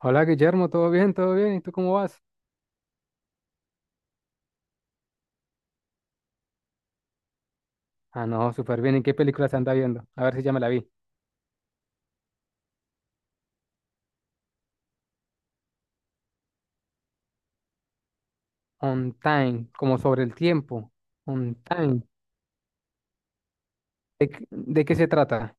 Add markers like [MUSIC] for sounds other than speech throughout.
Hola Guillermo, ¿todo bien? ¿Todo bien? ¿Y tú cómo vas? Ah, no, súper bien. ¿En qué película se anda viendo? A ver si ya me la vi. On Time, como sobre el tiempo. On Time. ¿De qué se trata?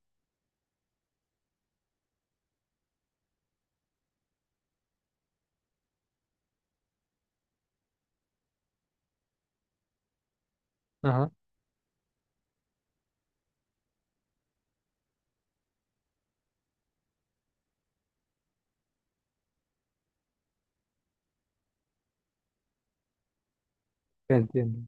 Ajá, te entiendo.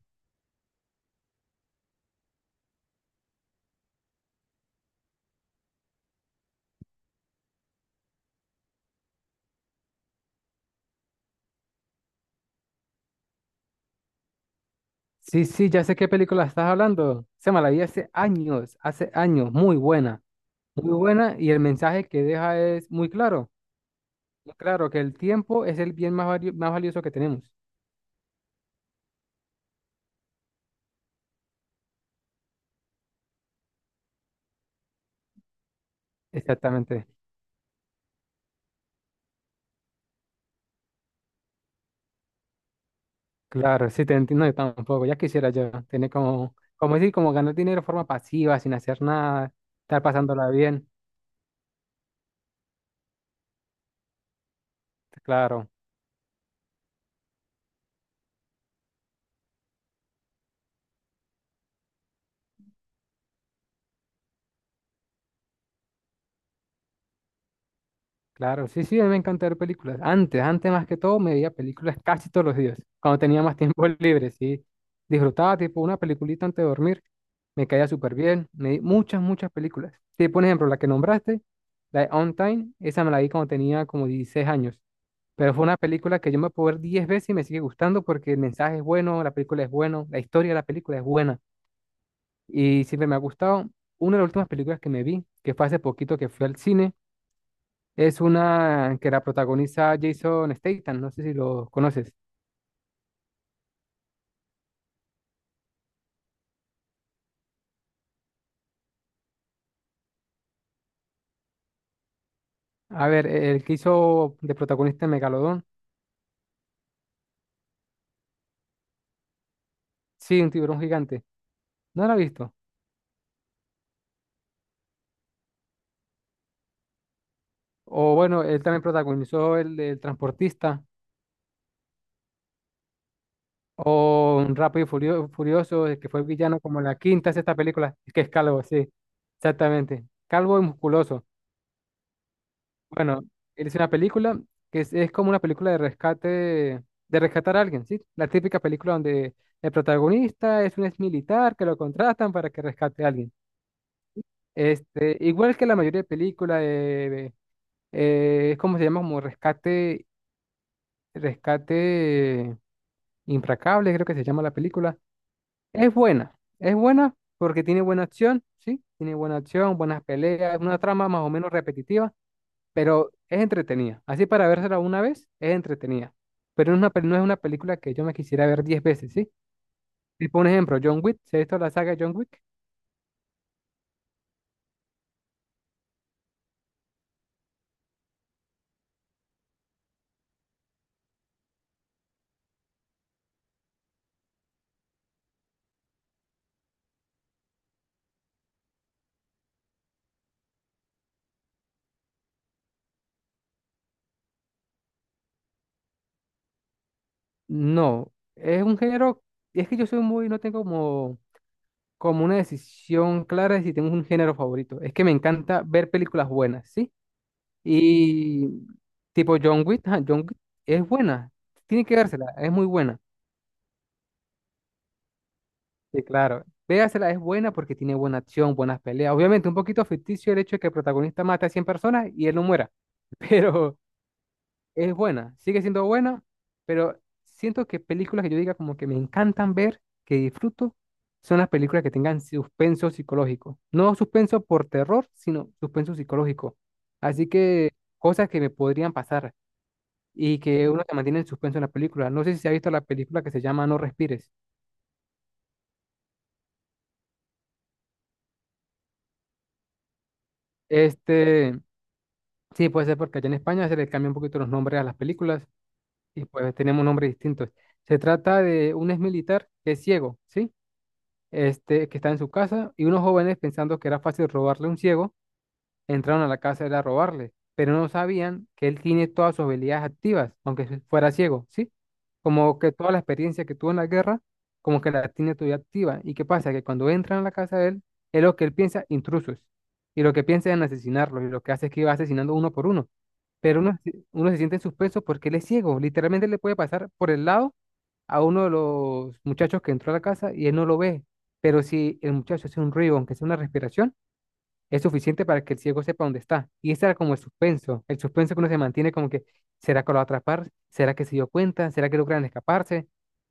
Sí, sí, ya sé qué película estás hablando. Se me la vi hace años, hace años. Muy buena, muy buena. Y el mensaje que deja es muy claro. Muy claro, que el tiempo es el bien más valioso que tenemos. Exactamente. Claro, sí, te entiendo yo tampoco. Ya quisiera yo tener como, decir, como ganar dinero de forma pasiva, sin hacer nada, estar pasándola bien. Claro. Claro, sí, sí, a mí me encanta ver películas. Antes más que todo, me veía películas casi todos los días, cuando tenía más tiempo [LAUGHS] libre, sí. Disfrutaba tipo una peliculita antes de dormir, me caía súper bien, me vi muchas, muchas películas. Sí, por ejemplo, la que nombraste, la de On Time, esa me la vi cuando tenía como 16 años, pero fue una película que yo me puedo ver 10 veces y me sigue gustando porque el mensaje es bueno, la película es bueno, la historia de la película es buena y siempre me ha gustado. Una de las últimas películas que me vi, que fue hace poquito que fui al cine, es una que la protagoniza Jason Statham, no sé si lo conoces. A ver, el que hizo de protagonista en Megalodón, sí, un tiburón gigante. ¿No lo has visto? O bueno, él también protagonizó el del transportista o un Rápido y Furioso, el que fue villano como en la quinta, sexta película, que es calvo, sí, exactamente. Calvo y musculoso. Bueno, es una película que es como una película de rescate, de rescatar a alguien, ¿sí? La típica película donde el protagonista es un ex militar que lo contratan para que rescate a alguien. Este, igual que la mayoría de películas, es como se llama, como rescate implacable, creo que se llama la película. Es buena, es buena porque tiene buena acción, ¿sí? Tiene buena acción, buenas peleas, una trama más o menos repetitiva pero es entretenida. Así para vérsela una vez, es entretenida. Pero no es una película que yo me quisiera ver 10 veces, ¿sí? Tipo un ejemplo, John Wick, ¿se ha visto la saga de John Wick? No, es un género, es que yo soy muy, no tengo como, una decisión clara de si tengo un género favorito. Es que me encanta ver películas buenas, ¿sí? Y tipo John Wick, ajá, John Wick es buena, tiene que vérsela, es muy buena. Sí, claro. Véasela, es buena porque tiene buena acción, buenas peleas. Obviamente, un poquito ficticio el hecho de que el protagonista mate a 100 personas y él no muera. [LAUGHS] Pero es buena, sigue siendo buena, pero siento que películas que yo diga como que me encantan ver, que disfruto, son las películas que tengan suspenso psicológico. No suspenso por terror, sino suspenso psicológico. Así que cosas que me podrían pasar y que uno se mantiene en suspenso en la película. No sé si se ha visto la película que se llama No Respires. Este... Sí, puede ser porque allá en España se le cambia un poquito los nombres a las películas y pues tenemos nombres distintos. Se trata de un exmilitar que es ciego, ¿sí? Que está en su casa y unos jóvenes pensando que era fácil robarle a un ciego, entraron a la casa de él a robarle, pero no sabían que él tiene todas sus habilidades activas, aunque fuera ciego, ¿sí? Como que toda la experiencia que tuvo en la guerra, como que la tiene todavía activa. ¿Y qué pasa? Que cuando entran a la casa de él, es lo que él piensa, intrusos. Y lo que piensa es en asesinarlos, y lo que hace es que va asesinando uno por uno pero uno se siente en suspenso porque él es ciego. Literalmente le puede pasar por el lado a uno de los muchachos que entró a la casa y él no lo ve. Pero si el muchacho hace un ruido, aunque sea una respiración, es suficiente para que el ciego sepa dónde está. Y ese era como el suspenso que uno se mantiene como que, ¿será que lo va a atrapar? ¿Será que se dio cuenta? ¿Será que logran escaparse?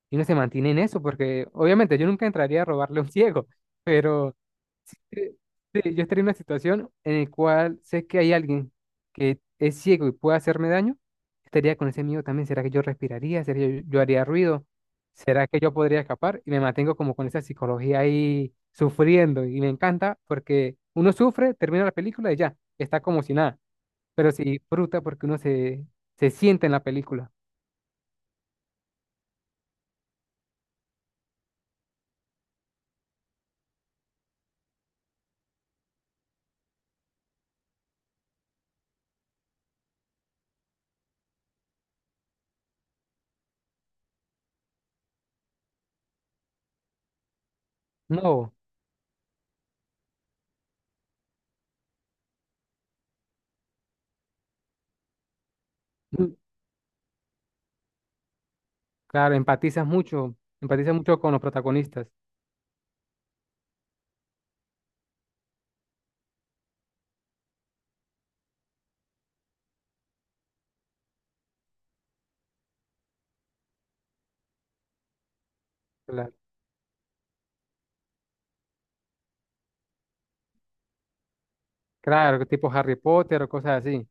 Y uno se mantiene en eso porque obviamente yo nunca entraría a robarle a un ciego, [LAUGHS] pero... Sí, sí, yo estaría en una situación en la cual sé que hay alguien que es ciego y puede hacerme daño. Estaría con ese miedo también. ¿Será que yo respiraría? ¿Será que yo haría ruido? ¿Será que yo podría escapar? Y me mantengo como con esa psicología ahí sufriendo. Y me encanta porque uno sufre, termina la película y ya, está como si nada. Pero se disfruta porque uno se siente en la película. No, mm, claro, empatizas mucho con los protagonistas. Claro, claro, tipo Harry Potter o cosas así.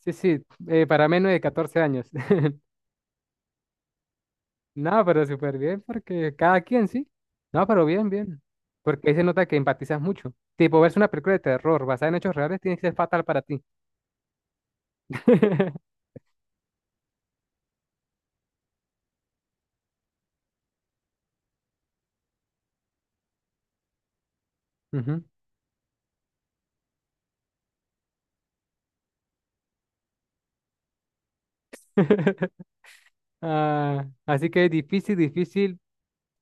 Sí, sí, para menos de 14 años. [LAUGHS] No, pero súper bien, porque cada quien, sí. No, pero bien, bien. Porque ahí se nota que empatizas mucho. Tipo, verse una película de terror basada en hechos reales tiene que ser fatal para ti. [LAUGHS] Ujú. [LAUGHS] Ah, así que difícil, difícil,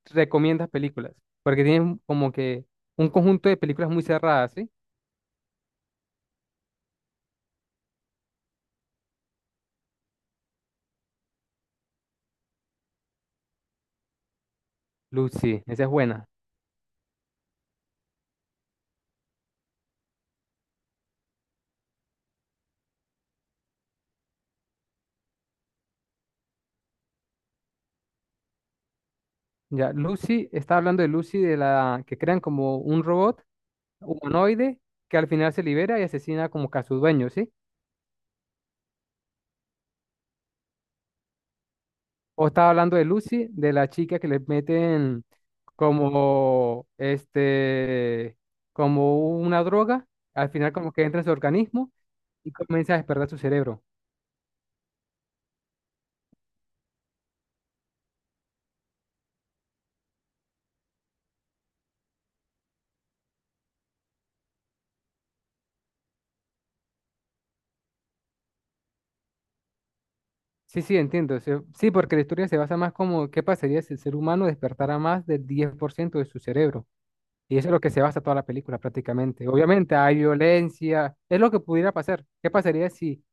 recomiendas películas. Porque tienen como que un conjunto de películas muy cerradas, ¿sí? Lucy, esa es buena. Ya, Lucy, está hablando de Lucy, de la que crean como un robot humanoide que al final se libera y asesina como que a su dueño, ¿sí? O estaba hablando de Lucy, de la chica que le meten como como una droga, al final como que entra en su organismo y comienza a despertar su cerebro. Sí, sí, entiendo. Sí, porque la historia se basa más como qué pasaría si el ser humano despertara más del 10% de su cerebro. Y eso es lo que se basa toda la película prácticamente. Obviamente hay violencia, es lo que pudiera pasar. ¿Qué pasaría si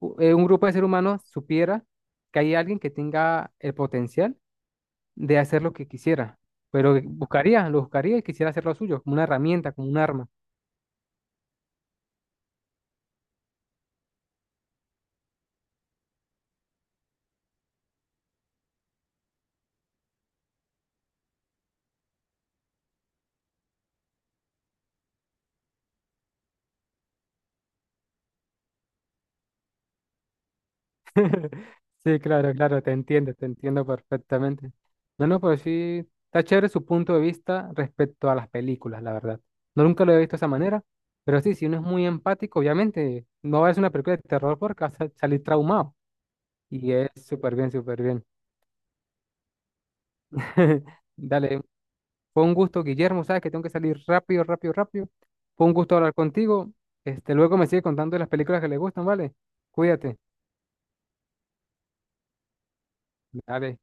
un grupo de seres humanos supiera que hay alguien que tenga el potencial de hacer lo que quisiera, pero buscaría, lo buscaría y quisiera hacer lo suyo, como una herramienta, como un arma. [LAUGHS] Sí, claro, claro, te entiendo perfectamente. No, no, pero sí, está chévere su punto de vista respecto a las películas, la verdad. No nunca lo he visto de esa manera, pero sí, si uno es muy empático, obviamente, no va a ver una película de terror porque va a salir traumado. Y es súper bien, súper bien. [LAUGHS] Dale. Fue un gusto, Guillermo, sabes que tengo que salir rápido, rápido, rápido. Fue un gusto hablar contigo. Luego me sigue contando de las películas que le gustan, ¿vale? Cuídate. Dale.